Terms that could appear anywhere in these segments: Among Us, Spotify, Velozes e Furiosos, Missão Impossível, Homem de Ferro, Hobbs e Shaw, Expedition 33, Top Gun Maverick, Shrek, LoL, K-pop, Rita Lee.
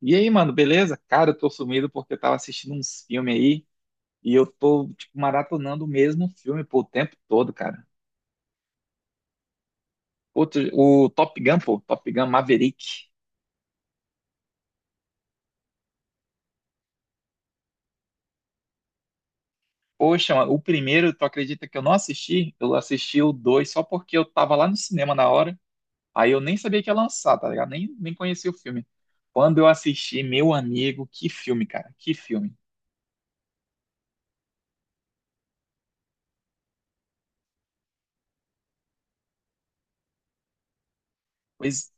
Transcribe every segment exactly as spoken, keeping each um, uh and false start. E aí, mano, beleza? Cara, eu tô sumido porque eu tava assistindo uns filmes aí e eu tô, tipo, maratonando o mesmo filme, pô, o tempo todo, cara. Outro, o Top Gun, pô, Top Gun Maverick. Poxa, mano, o primeiro, tu acredita que eu não assisti? Eu assisti o dois só porque eu tava lá no cinema na hora, aí eu nem sabia que ia lançar, tá ligado? Nem, nem conhecia o filme. Quando eu assisti, meu amigo, que filme, cara, que filme. Pois.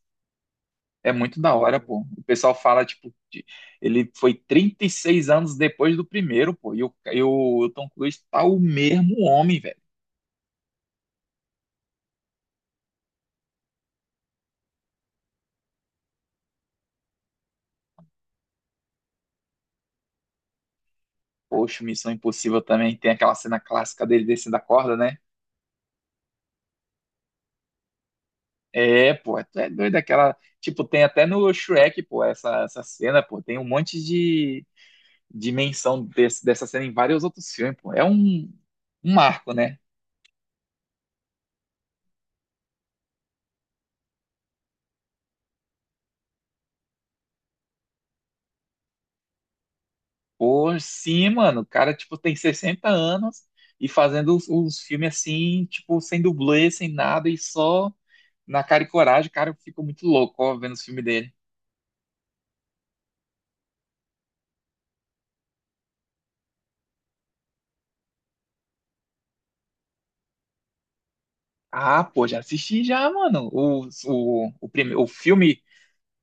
É muito da hora, pô. O pessoal fala, tipo, de- ele foi trinta e seis anos depois do primeiro, pô. E o, e o Tom Cruise tá o mesmo homem, velho. Poxa, Missão Impossível também tem aquela cena clássica dele descendo a corda, né? É, pô, é, tu é doido aquela. Tipo, tem até no Shrek, pô, essa, essa cena, pô. Tem um monte de dimensão desse, dessa cena em vários outros filmes, pô. É um, um marco, né? Pô, sim, mano. O cara, tipo, tem sessenta anos e fazendo os, os filmes assim, tipo, sem dublê, sem nada e só na cara e coragem. Cara, eu fico muito louco, ó, vendo os filmes dele. Ah, pô, já assisti já, mano. O, o, o, prime, o filme,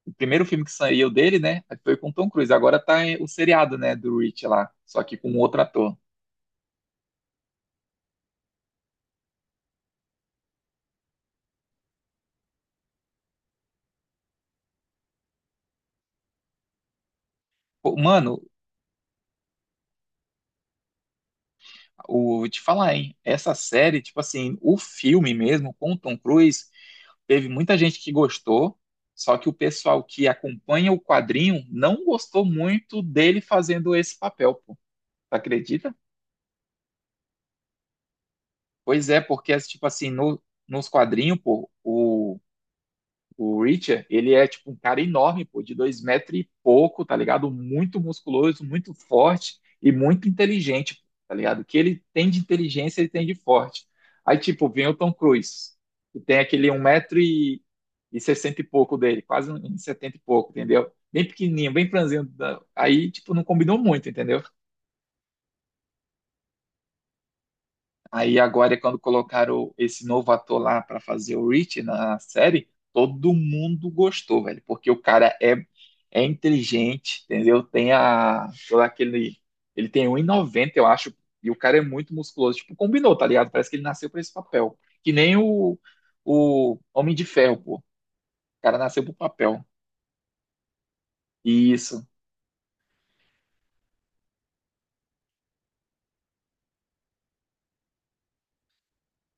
o primeiro filme que saiu dele, né, foi com Tom Cruise. Agora tá eh, o seriado, né, do Rich lá, só que com outro ator. Pô, mano, o, vou te falar, hein, essa série, tipo assim, o filme mesmo com o Tom Cruise teve muita gente que gostou, só que o pessoal que acompanha o quadrinho não gostou muito dele fazendo esse papel, pô. Tu acredita? Pois é, porque, tipo assim, no, nos quadrinhos, pô, o O Richard, ele é tipo um cara enorme, pô, de dois metros e pouco, tá ligado? Muito musculoso, muito forte e muito inteligente, tá ligado? O que ele tem de inteligência, ele tem de forte. Aí, tipo, vem o Tom Cruise, que tem aquele um metro e, e sessenta e pouco dele, quase um metro e setenta e pouco, entendeu? Bem pequenininho, bem franzino. da- Aí, tipo, não combinou muito, entendeu? Aí agora, é quando colocaram esse novo ator lá pra fazer o Rich na série, todo mundo gostou, velho, porque o cara é, é inteligente, entendeu? Tem a, todo aquele, ele tem um e noventa, eu acho, e o cara é muito musculoso, tipo, combinou, tá ligado? Parece que ele nasceu pra esse papel, que nem o, o Homem de Ferro, pô. O cara nasceu pro papel. E isso.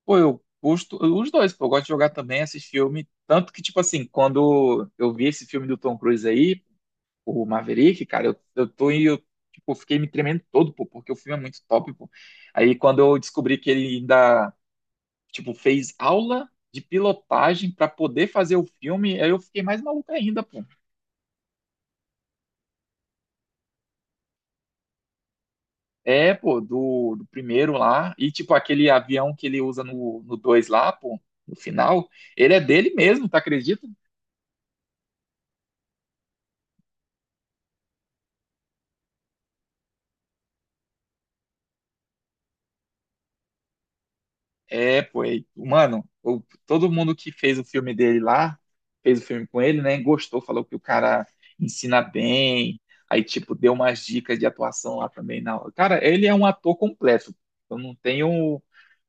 Pô, eu gosto, os dois, pô, eu gosto de jogar também esses filmes, tanto que, tipo assim, quando eu vi esse filme do Tom Cruise aí, o Maverick, cara, eu, eu tô e eu, tipo, fiquei me tremendo todo, pô, porque o filme é muito top, pô. Aí quando eu descobri que ele ainda, tipo, fez aula de pilotagem pra poder fazer o filme, aí eu fiquei mais maluco ainda, pô. É, pô, do, do primeiro lá, e tipo, aquele avião que ele usa no, no dois lá, pô, no final, ele é dele mesmo, tá acredita? É, pô, e, mano, o- todo mundo que fez o filme dele lá, fez o filme com ele, né, gostou, falou que o cara ensina bem, aí, tipo, deu umas dicas de atuação lá também. Não, cara, ele é um ator completo, eu não tenho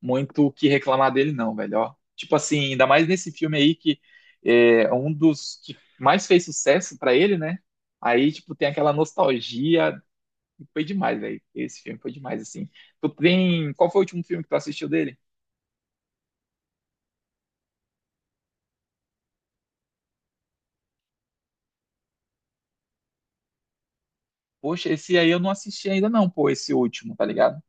muito o que reclamar dele, não, velho, ó. Tipo assim, ainda mais nesse filme aí que é é um dos que mais fez sucesso pra ele, né, aí, tipo, tem aquela nostalgia, foi demais, velho, esse filme foi demais, assim. Tu tem, qual foi o último filme que tu assistiu dele? Poxa, esse aí eu não assisti ainda não, pô, esse último, tá ligado?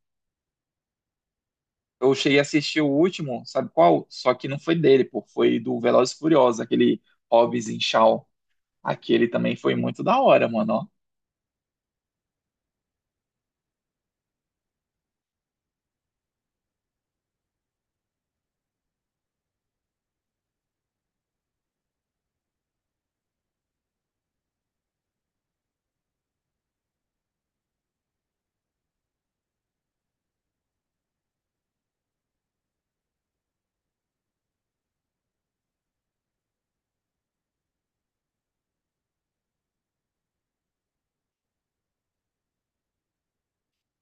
Eu cheguei a assistir o último, sabe qual? Só que não foi dele, pô, foi do Velozes e Furiosos, aquele Hobbs em Shaw. Aquele também foi muito da hora, mano, ó.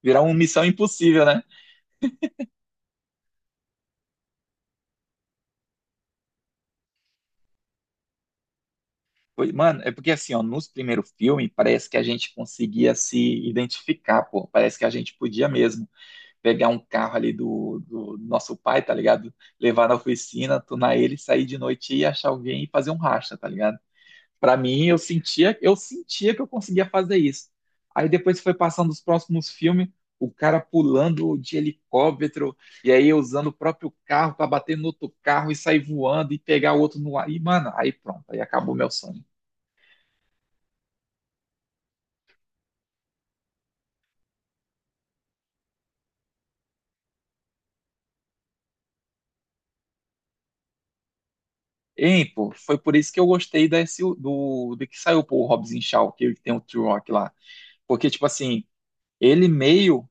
Virar uma missão impossível, né? Foi- Mano, é porque assim, ó, nos primeiros filmes parece que a gente conseguia se identificar, pô. Parece que a gente podia mesmo pegar um carro ali do, do nosso pai, tá ligado? Levar na oficina, tunar ele, sair de noite e achar alguém e fazer um racha, tá ligado? Para mim, eu sentia, eu sentia que eu conseguia fazer isso. Aí depois foi passando os próximos filmes, o cara pulando de helicóptero e aí usando o próprio carro para bater no outro carro e sair voando e pegar o outro no ar. E, mano, aí pronto, aí acabou meu sonho. Hein, pô, foi por isso que eu gostei desse, do, do que saiu, pô, o Hobbs e Shaw, que tem o T-Rock lá. Porque, tipo assim, ele meio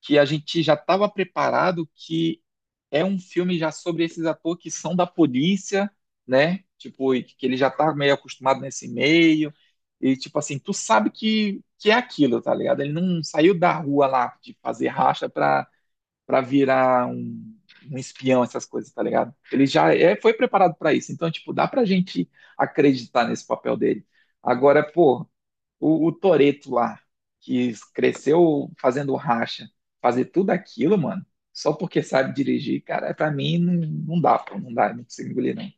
que a gente já estava preparado que é um filme já sobre esses atores que são da polícia, né? Tipo, e que ele já tá meio acostumado nesse meio. E, tipo assim, tu sabe que, que é aquilo, tá ligado? Ele não saiu da rua lá de fazer racha pra, pra virar um, um espião, essas coisas, tá ligado? Ele já é, foi preparado pra isso. Então, tipo, dá pra gente acreditar nesse papel dele. Agora, pô, o, o Toreto lá, que cresceu fazendo racha, fazer tudo aquilo, mano, só porque sabe dirigir, cara, pra mim não, não dá, pô, não dá, não consigo engolir, não.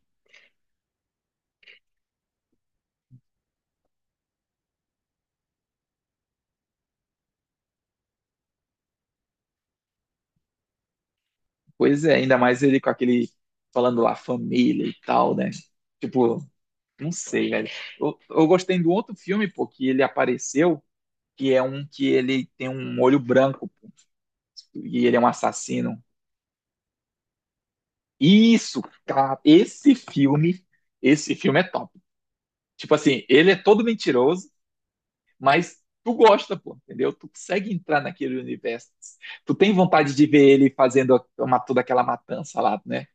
Pois é, ainda mais ele com aquele, falando lá, família e tal, né? Tipo, não sei, velho. Eu, eu gostei do outro filme, pô, que ele apareceu, que é um que ele tem um olho branco, pô, e ele é um assassino. Isso, cara, esse filme, esse filme é top. Tipo assim, ele é todo mentiroso, mas tu gosta, pô, entendeu? Tu consegue entrar naquele universo. Tu tem vontade de ver ele fazendo a- uma, toda aquela matança lá, né?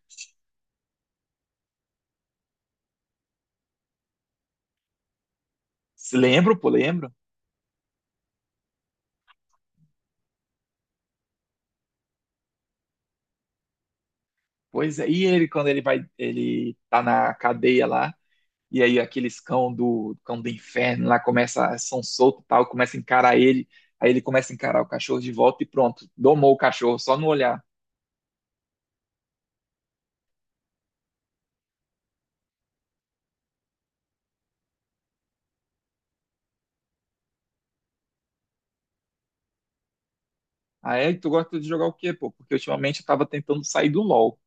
Se lembro, pô, lembro. Pois é, e ele quando ele vai, ele tá na cadeia lá, e aí aqueles cão do cão do inferno lá começa, são solto e tal, começa a encarar ele, aí ele começa a encarar o cachorro de volta e pronto, domou o cachorro só no olhar. Aí tu gosta de jogar o quê, pô? Porque ultimamente eu tava tentando sair do LoL.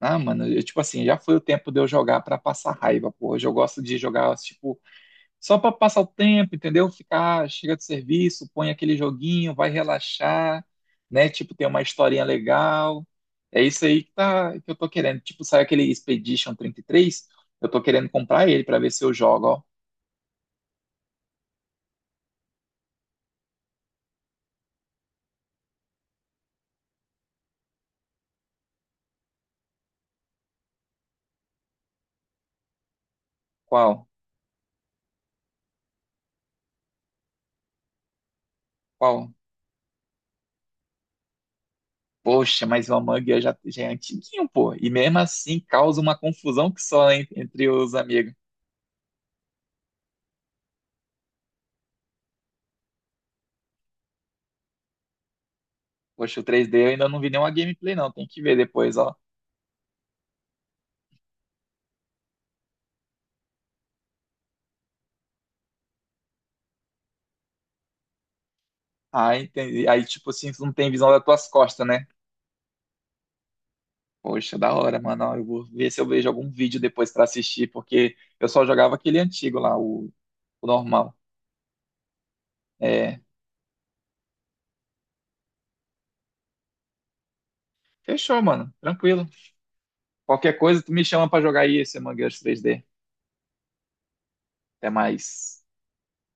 Ah, mano, eu, tipo assim, já foi o tempo de eu jogar pra passar raiva, pô. Hoje eu gosto de jogar, tipo, só pra passar o tempo, entendeu? Ficar, chega do serviço, põe aquele joguinho, vai relaxar, né? Tipo, tem uma historinha legal. É isso aí que, tá, que eu tô querendo. Tipo, sai aquele Expedition trinta e três, eu tô querendo comprar ele pra ver se eu jogo, ó. Qual? Qual? Poxa, mas o Among Us já, já é antiguinho, pô. E mesmo assim causa uma confusão que só en- entre os amigos. Poxa, o três D eu ainda não vi nenhuma gameplay, não. Tem que ver depois, ó. Ah, entendi. Aí, tipo assim, tu não tem visão das tuas costas, né? Poxa, da hora, mano. Ó, eu vou ver se eu vejo algum vídeo depois pra assistir, porque eu só jogava aquele antigo lá, o, o normal. É. Fechou, mano. Tranquilo. Qualquer coisa, tu me chama pra jogar aí esse Among Us três D. Até mais.